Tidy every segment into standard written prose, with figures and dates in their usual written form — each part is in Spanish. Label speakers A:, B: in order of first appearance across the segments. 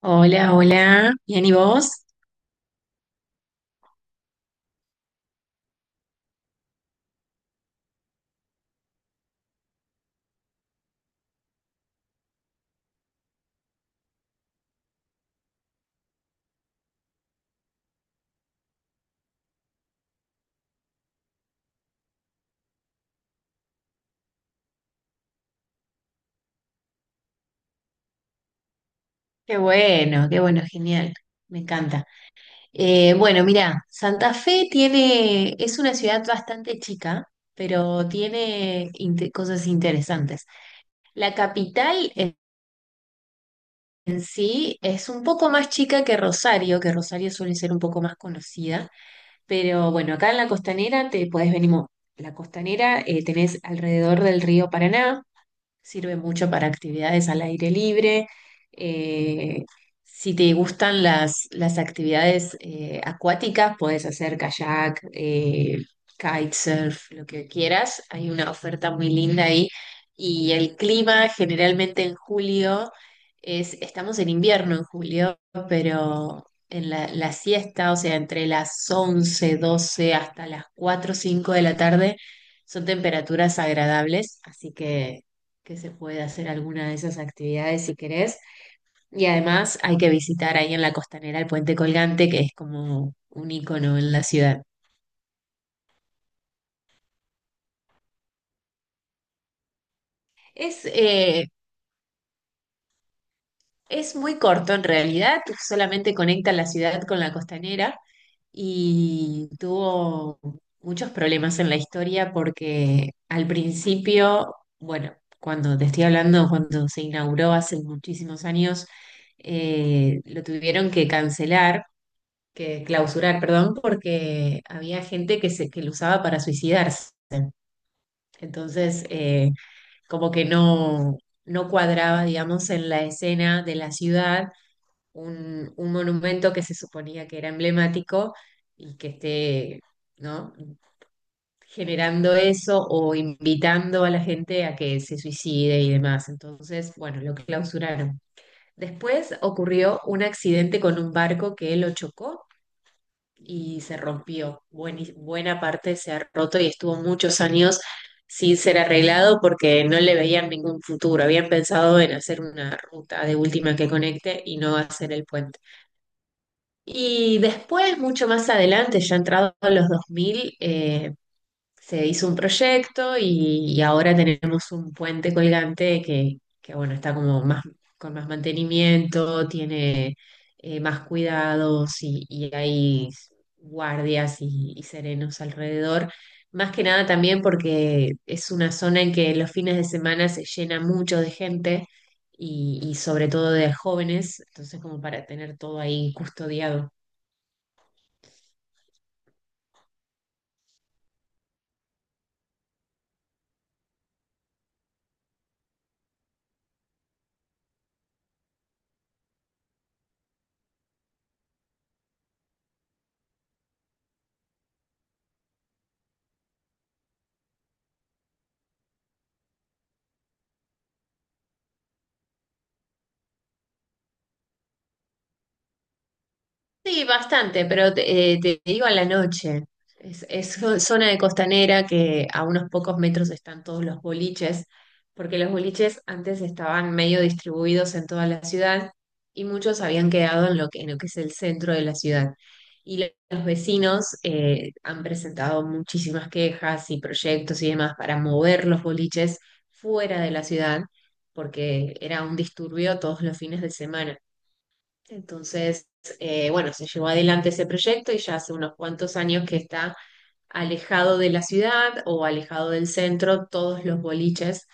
A: Hola, hola. Bien, ¿y vos? Qué bueno, genial. Me encanta. Bueno, mira, Santa Fe tiene, es una ciudad bastante chica, pero tiene cosas interesantes. La capital en sí es un poco más chica que Rosario suele ser un poco más conocida, pero bueno, acá en la costanera te podés venir. La costanera tenés alrededor del río Paraná. Sirve mucho para actividades al aire libre. Eh, si te gustan las actividades acuáticas, puedes hacer kayak, kitesurf, lo que quieras. Hay una oferta muy linda ahí. Y el clima generalmente en julio es, estamos en invierno en julio, pero en la siesta, o sea, entre las 11 12 hasta las 4, 5 de la tarde, son temperaturas agradables, así que se puede hacer alguna de esas actividades si querés. Y además hay que visitar ahí en la costanera el puente colgante, que es como un icono en la ciudad. Es, eh, es muy corto en realidad, solamente conecta la ciudad con la costanera y tuvo muchos problemas en la historia porque al principio, bueno, cuando te estoy hablando, cuando se inauguró hace muchísimos años, lo tuvieron que cancelar que clausurar, perdón, porque había gente que lo usaba para suicidarse. Entonces, como que no, no cuadraba, digamos, en la escena de la ciudad un monumento que se suponía que era emblemático y que esté, ¿no? generando eso o invitando a la gente a que se suicide y demás. Entonces, bueno, lo clausuraron. Después ocurrió un accidente con un barco que lo chocó y se rompió. Buena parte se ha roto y estuvo muchos años sin ser arreglado porque no le veían ningún futuro. Habían pensado en hacer una ruta de última que conecte y no hacer el puente. Y después, mucho más adelante, ya entrado a los 2000, se hizo un proyecto y ahora tenemos un puente colgante que, bueno, está como más, con más mantenimiento, tiene más cuidados y hay guardias y serenos alrededor. Más que nada también porque es una zona en que los fines de semana se llena mucho de gente y sobre todo de jóvenes, entonces como para tener todo ahí custodiado. Sí, bastante, pero te digo a la noche. Es zona de costanera que a unos pocos metros están todos los boliches, porque los boliches antes estaban medio distribuidos en toda la ciudad y muchos habían quedado en lo que es el centro de la ciudad. Y los vecinos han presentado muchísimas quejas y proyectos y demás para mover los boliches fuera de la ciudad, porque era un disturbio todos los fines de semana. Entonces, bueno, se llevó adelante ese proyecto y ya hace unos cuantos años que está alejado de la ciudad o alejado del centro todos los boliches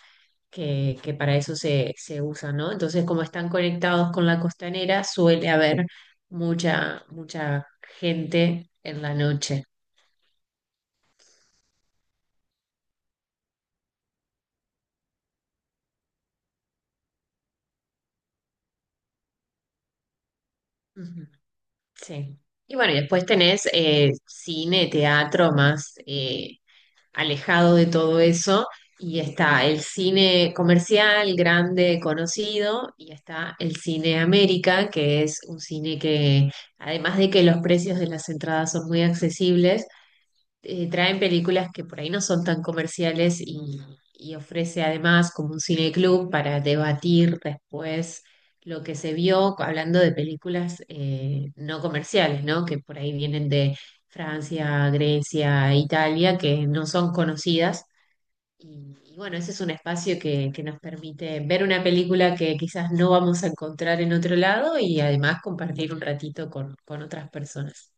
A: que para eso se usan, ¿no? Entonces, como están conectados con la costanera, suele haber mucha gente en la noche. Ujú, sí. Y bueno, y después tenés cine, teatro, más alejado de todo eso. Y está el cine comercial, grande, conocido, y está el cine América, que es un cine que, además de que los precios de las entradas son muy accesibles, traen películas que por ahí no son tan comerciales y ofrece además como un cineclub para debatir después lo que se vio hablando de películas no comerciales, ¿no? Que por ahí vienen de Francia, Grecia, Italia, que no son conocidas. Y bueno, ese es un espacio que nos permite ver una película que quizás no vamos a encontrar en otro lado y además compartir un ratito con otras personas.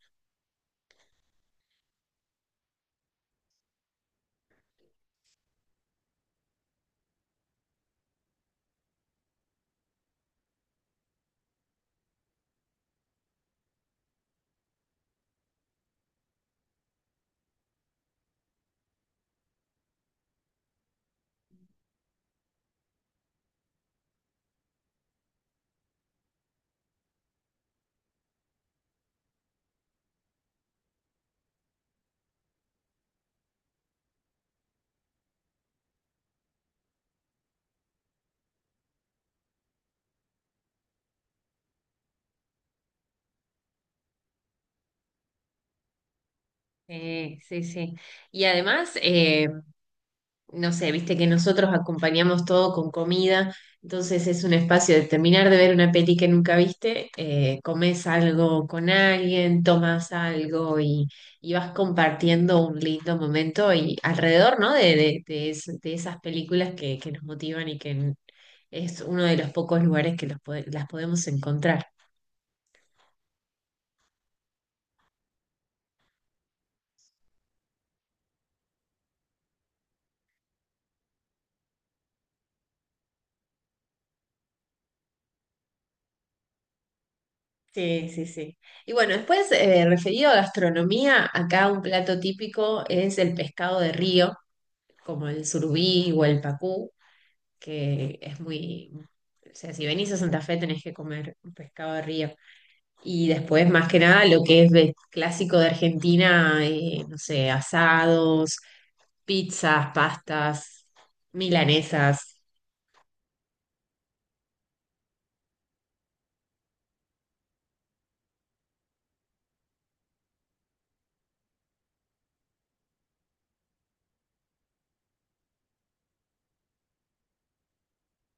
A: Sí, sí. Y además, no sé, viste que nosotros acompañamos todo con comida, entonces es un espacio de terminar de ver una peli que nunca viste, comes algo con alguien, tomas algo y vas compartiendo un lindo momento y alrededor, ¿no? De de esas películas que nos motivan y que es uno de los pocos lugares que los las podemos encontrar. Sí, sí, sí. Y bueno, después, referido a gastronomía, acá un plato típico es el pescado de río como el surubí o el pacú, que es muy... O sea, si venís a Santa Fe tenés que comer pescado de río. Y después, más que nada, lo que es clásico de Argentina, no sé, asados, pizzas, pastas, milanesas.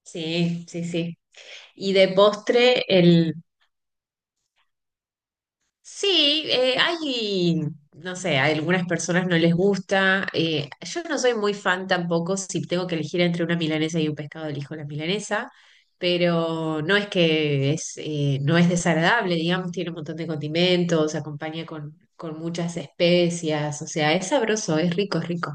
A: Sí, sí, sí. Y de postre, sí, hay, no sé, a algunas personas no les gusta. Yo no soy muy fan tampoco si tengo que elegir entre una milanesa y un pescado, elijo la milanesa, pero no es que es, no es desagradable, digamos, tiene un montón de condimentos, acompaña con muchas especias, o sea, es sabroso, es rico, es rico.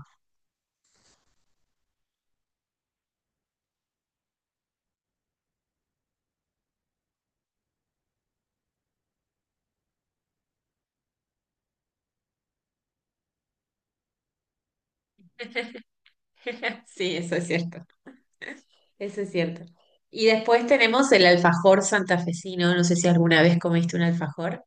A: Sí, eso es cierto, eso es cierto. Y después tenemos el alfajor santafesino, no sé si alguna vez comiste un alfajor.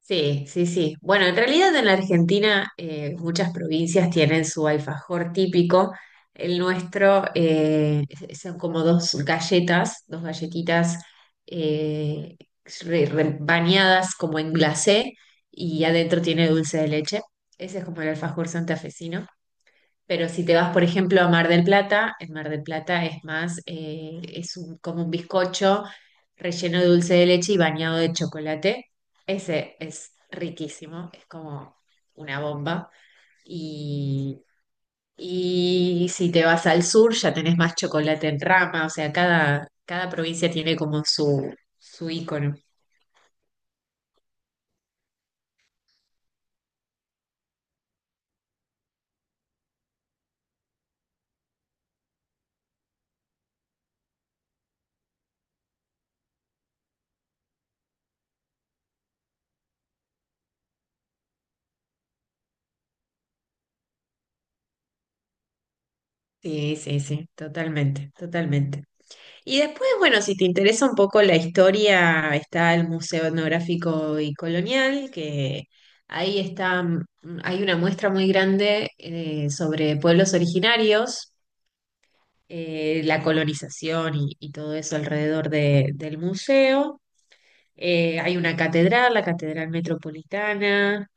A: Sí, sí, sí. Bueno, en realidad en la Argentina muchas provincias tienen su alfajor típico. El nuestro son como dos galletas, dos galletitas eh, bañadas como en glacé y adentro tiene dulce de leche. Ese es como el alfajor santafesino. Pero si te vas, por ejemplo, a Mar del Plata, en Mar del Plata es más, como un bizcocho relleno de dulce de leche y bañado de chocolate. Ese es riquísimo, es como una bomba. Y, y si te vas al sur, ya tenés más chocolate en rama, o sea, cada provincia tiene como su ícono. Sí, sí, sí, totalmente, totalmente. Y después, bueno, si te interesa un poco la historia, está el Museo Etnográfico y Colonial, que ahí está, hay una muestra muy grande sobre pueblos originarios, la colonización y todo eso alrededor del museo. Hay una catedral, la Catedral Metropolitana,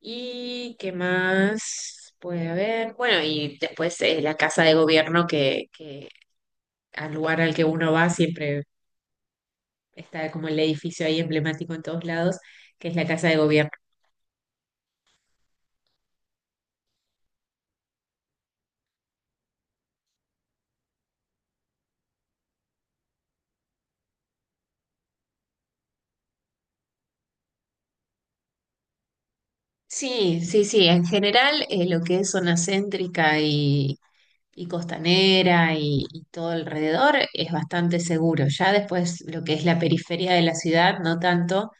A: y qué más puede haber. Bueno, y después la Casa de Gobierno que al lugar al que uno va siempre está como el edificio ahí emblemático en todos lados, que es la Casa de Gobierno. Sí, sí, sí, en general lo que es zona céntrica y costanera y todo alrededor es bastante seguro. Ya después lo que es la periferia de la ciudad, no tanto,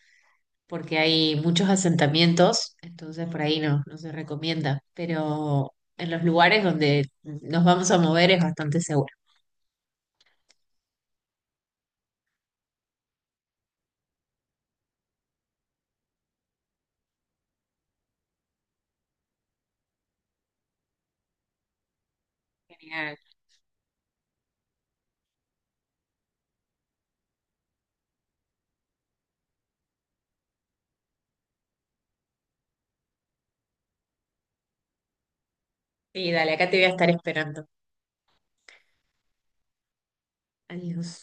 A: porque hay muchos asentamientos, entonces por ahí no, no se recomienda, pero en los lugares donde nos vamos a mover es bastante seguro. Genial. Sí, dale, acá te voy a estar esperando. Adiós.